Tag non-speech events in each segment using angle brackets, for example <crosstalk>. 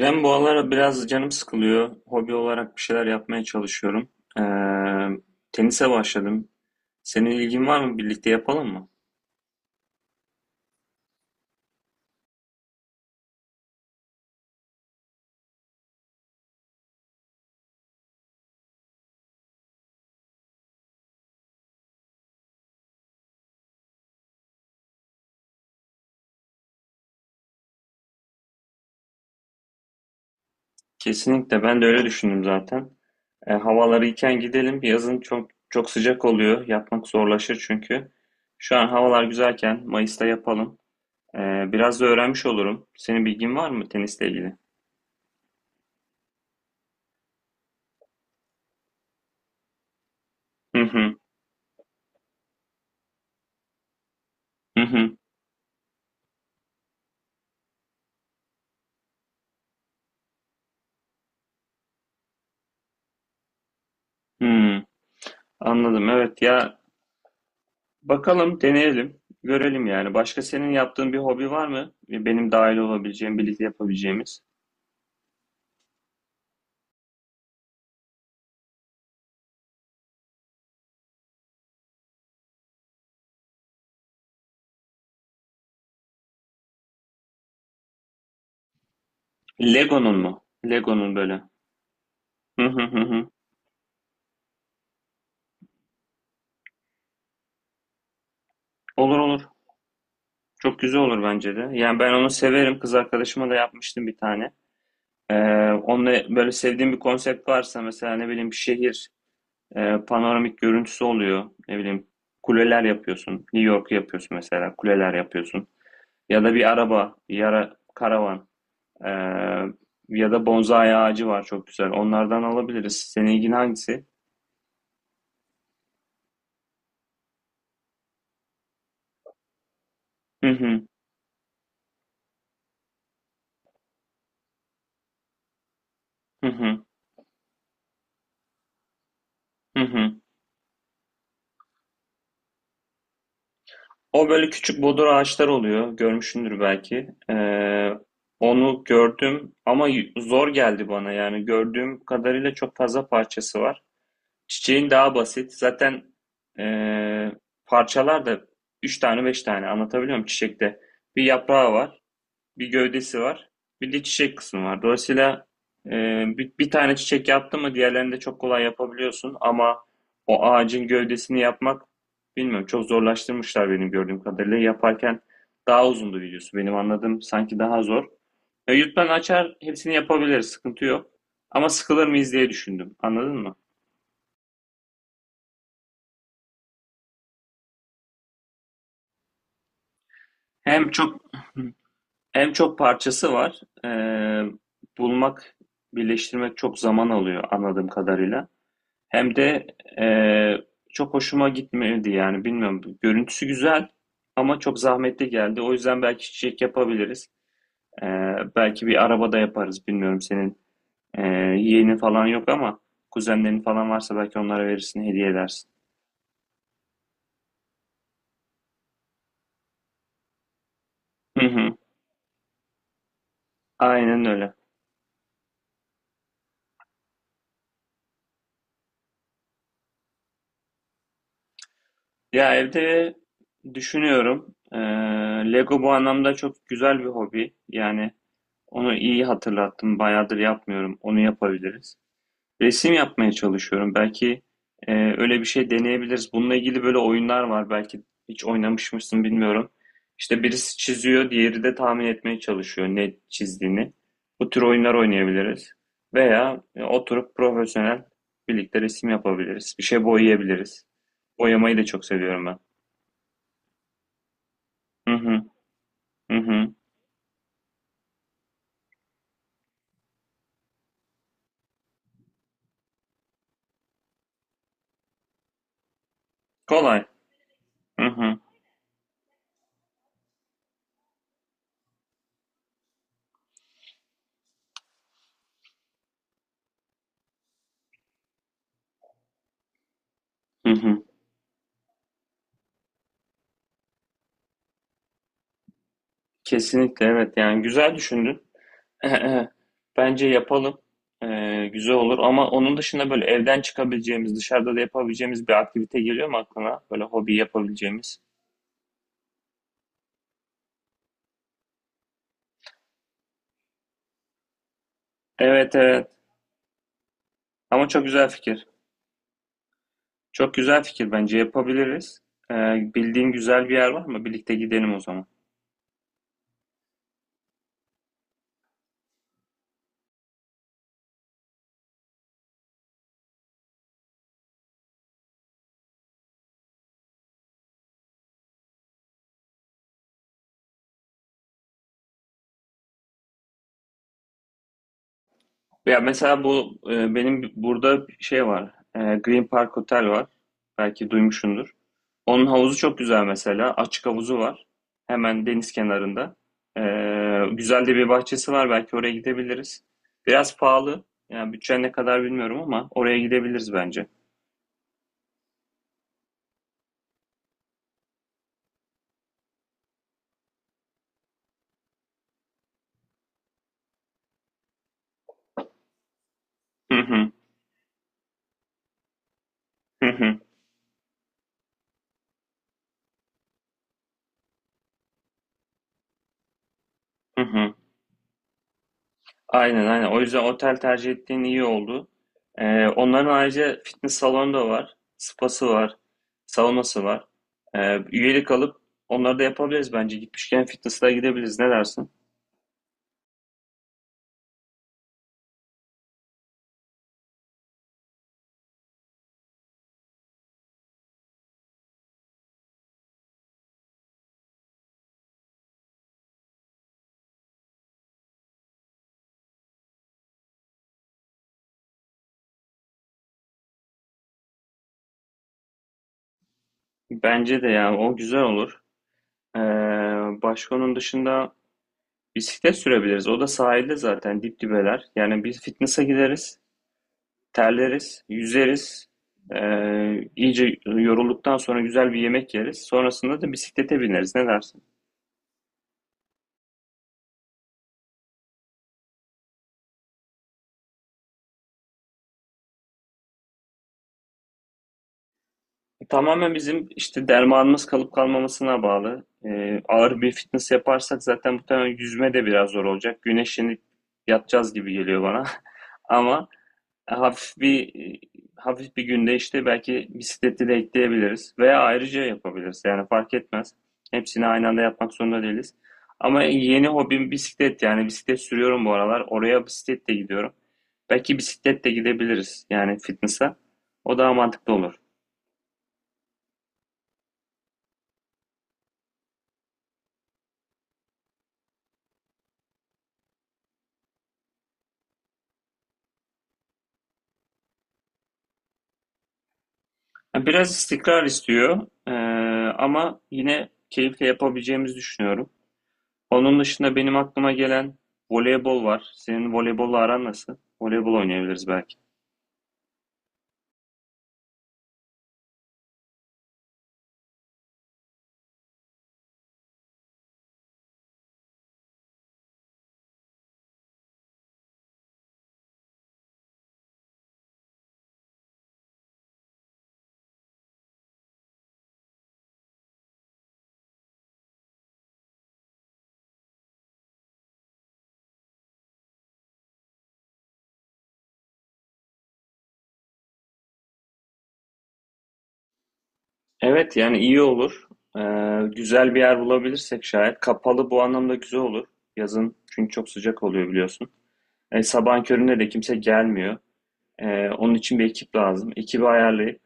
Ben bu aralar biraz canım sıkılıyor. Hobi olarak bir şeyler yapmaya çalışıyorum. Ee, Tenise başladım. Senin ilgin var mı? Birlikte yapalım mı? Kesinlikle. Ben de öyle düşündüm zaten. Havalar iyiken gidelim. Yazın çok çok sıcak oluyor. Yapmak zorlaşır çünkü. Şu an havalar güzelken Mayıs'ta yapalım. Biraz da öğrenmiş olurum. Senin bilgin var mı tenisle ilgili? Hı hı. Hı hı. Hı. Anladım. Evet ya, bakalım, deneyelim, görelim yani. Başka senin yaptığın bir hobi var mı? Benim dahil olabileceğim, birlikte yapabileceğimiz. Lego'nun mu? Lego'nun böyle. Hı hı hı hı. Olur olur. Çok güzel olur bence de. Yani ben onu severim. Kız arkadaşıma da yapmıştım bir tane. Ee, Onunla böyle sevdiğim bir konsept varsa mesela ne bileyim bir şehir panoramik görüntüsü oluyor. Ne bileyim kuleler yapıyorsun. New York yapıyorsun mesela. Kuleler yapıyorsun. Ya da bir araba, bir ara karavan. Ee, Ya da bonsai ağacı var çok güzel. Onlardan alabiliriz. Senin ilgin hangisi? Hı hı, hı hı, hı hı. O böyle küçük bodur ağaçlar oluyor. Görmüşsündür belki. Onu gördüm ama zor geldi bana. Yani gördüğüm kadarıyla çok fazla parçası var. Çiçeğin daha basit. Zaten ee, parçalar da 3 tane 5 tane anlatabiliyor muyum çiçekte? Bir yaprağı var, bir gövdesi var. Bir de çiçek kısmı var. Dolayısıyla e, bir tane çiçek yaptın mı diğerlerini de çok kolay yapabiliyorsun ama o ağacın gövdesini yapmak bilmiyorum çok zorlaştırmışlar benim gördüğüm kadarıyla. Yaparken daha uzundu videosu. Benim anladığım sanki daha zor. YouTube'dan açar hepsini yapabiliriz. Sıkıntı yok. Ama sıkılır mıyız diye düşündüm. Anladın mı? Hem çok Hem çok parçası var. Bulmak, birleştirmek çok zaman alıyor anladığım kadarıyla. Hem de eee, çok hoşuma gitmedi yani bilmiyorum. Görüntüsü güzel ama çok zahmetli geldi. O yüzden belki çiçek yapabiliriz. Belki bir arabada yaparız. Bilmiyorum senin eee yeğenin falan yok ama kuzenlerin falan varsa belki onlara verirsin, hediye edersin. Hı hı, aynen öyle. Ya evde düşünüyorum. Lego bu anlamda çok güzel bir hobi. Yani onu iyi hatırlattım. Bayağıdır yapmıyorum. Onu yapabiliriz. Resim yapmaya çalışıyorum. Belki öyle bir şey deneyebiliriz. Bununla ilgili böyle oyunlar var. Belki hiç oynamış mısın bilmiyorum. İşte birisi çiziyor, diğeri de tahmin etmeye çalışıyor ne çizdiğini. Bu tür oyunlar oynayabiliriz. Veya oturup profesyonel birlikte resim yapabiliriz. Bir şey boyayabiliriz. Boyamayı da çok seviyorum ben. Hı hı, hı hı. Kolay. Hı hı, hı hı. Kesinlikle evet yani güzel düşündün. <laughs> Bence yapalım. Güzel olur ama onun dışında böyle evden çıkabileceğimiz, dışarıda da yapabileceğimiz bir aktivite geliyor mu aklına? Böyle hobi yapabileceğimiz. Evet evet. Ama çok güzel fikir. Çok güzel fikir bence yapabiliriz. Ee, Bildiğin güzel bir yer var mı? Birlikte gidelim o zaman. Ya mesela bu benim burada bir şey var. E, Green Park Hotel var. Belki duymuşsundur. Onun havuzu çok güzel mesela. Açık havuzu var. Hemen deniz kenarında. E, Güzel de bir bahçesi var. Belki oraya gidebiliriz. Biraz pahalı. Yani bütçen ne kadar bilmiyorum ama oraya gidebiliriz bence. Hı hı. Hı hı. Hı hı. Aynen aynen. O yüzden otel tercih ettiğin iyi oldu. Onların ayrıca fitness salonu da var. Spası var. Saunası var. Üyelik alıp onları da yapabiliriz bence. Gitmişken fitness'a gidebiliriz. Ne dersin? Bence de yani o güzel olur. Ee, Başka onun dışında bisiklet sürebiliriz. O da sahilde zaten dip dibeler. Yani biz fitness'a gideriz. Terleriz. Yüzeriz. İyice yorulduktan sonra güzel bir yemek yeriz. Sonrasında da bisiklete bineriz. Ne dersin? Tamamen bizim işte dermanımız kalıp kalmamasına bağlı. Ağır bir fitness yaparsak zaten muhtemelen yüzme de biraz zor olacak. Güneşlenip yatacağız gibi geliyor bana. <laughs> Ama e, hafif bir e, hafif bir günde işte belki bisikleti de ekleyebiliriz veya ayrıca yapabiliriz. Yani fark etmez. Hepsini aynı anda yapmak zorunda değiliz. Ama yeni hobim bisiklet yani bisiklet sürüyorum bu aralar. Oraya bisikletle gidiyorum. Belki bisikletle gidebiliriz yani fitness'a. O daha mantıklı olur. Ya biraz istikrar istiyor. Ama yine keyifle yapabileceğimizi düşünüyorum. Onun dışında benim aklıma gelen voleybol var. Senin voleybolla aran nasıl? Voleybol oynayabiliriz belki. Evet yani iyi olur. Güzel bir yer bulabilirsek şayet. Kapalı bu anlamda güzel olur. Yazın çünkü çok sıcak oluyor biliyorsun. Sabahın köründe de kimse gelmiyor. Onun için bir ekip lazım. Ekibi ayarlayıp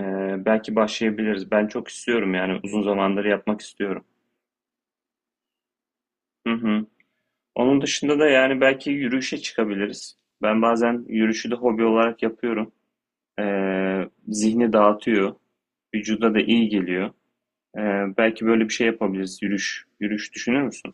e, belki başlayabiliriz. Ben çok istiyorum yani uzun zamandır yapmak istiyorum. Hı hı. Onun dışında da yani belki yürüyüşe çıkabiliriz. Ben bazen yürüyüşü de hobi olarak yapıyorum. Zihni dağıtıyor. Vücuda da iyi geliyor. Belki böyle bir şey yapabiliriz. Yürüyüş, yürüyüş düşünür müsün?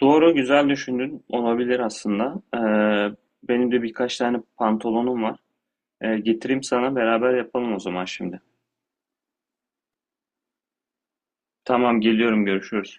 Doğru, güzel düşündün. Olabilir aslında. Benim de birkaç tane pantolonum var. Getireyim sana beraber yapalım o zaman şimdi. Tamam, geliyorum, görüşürüz.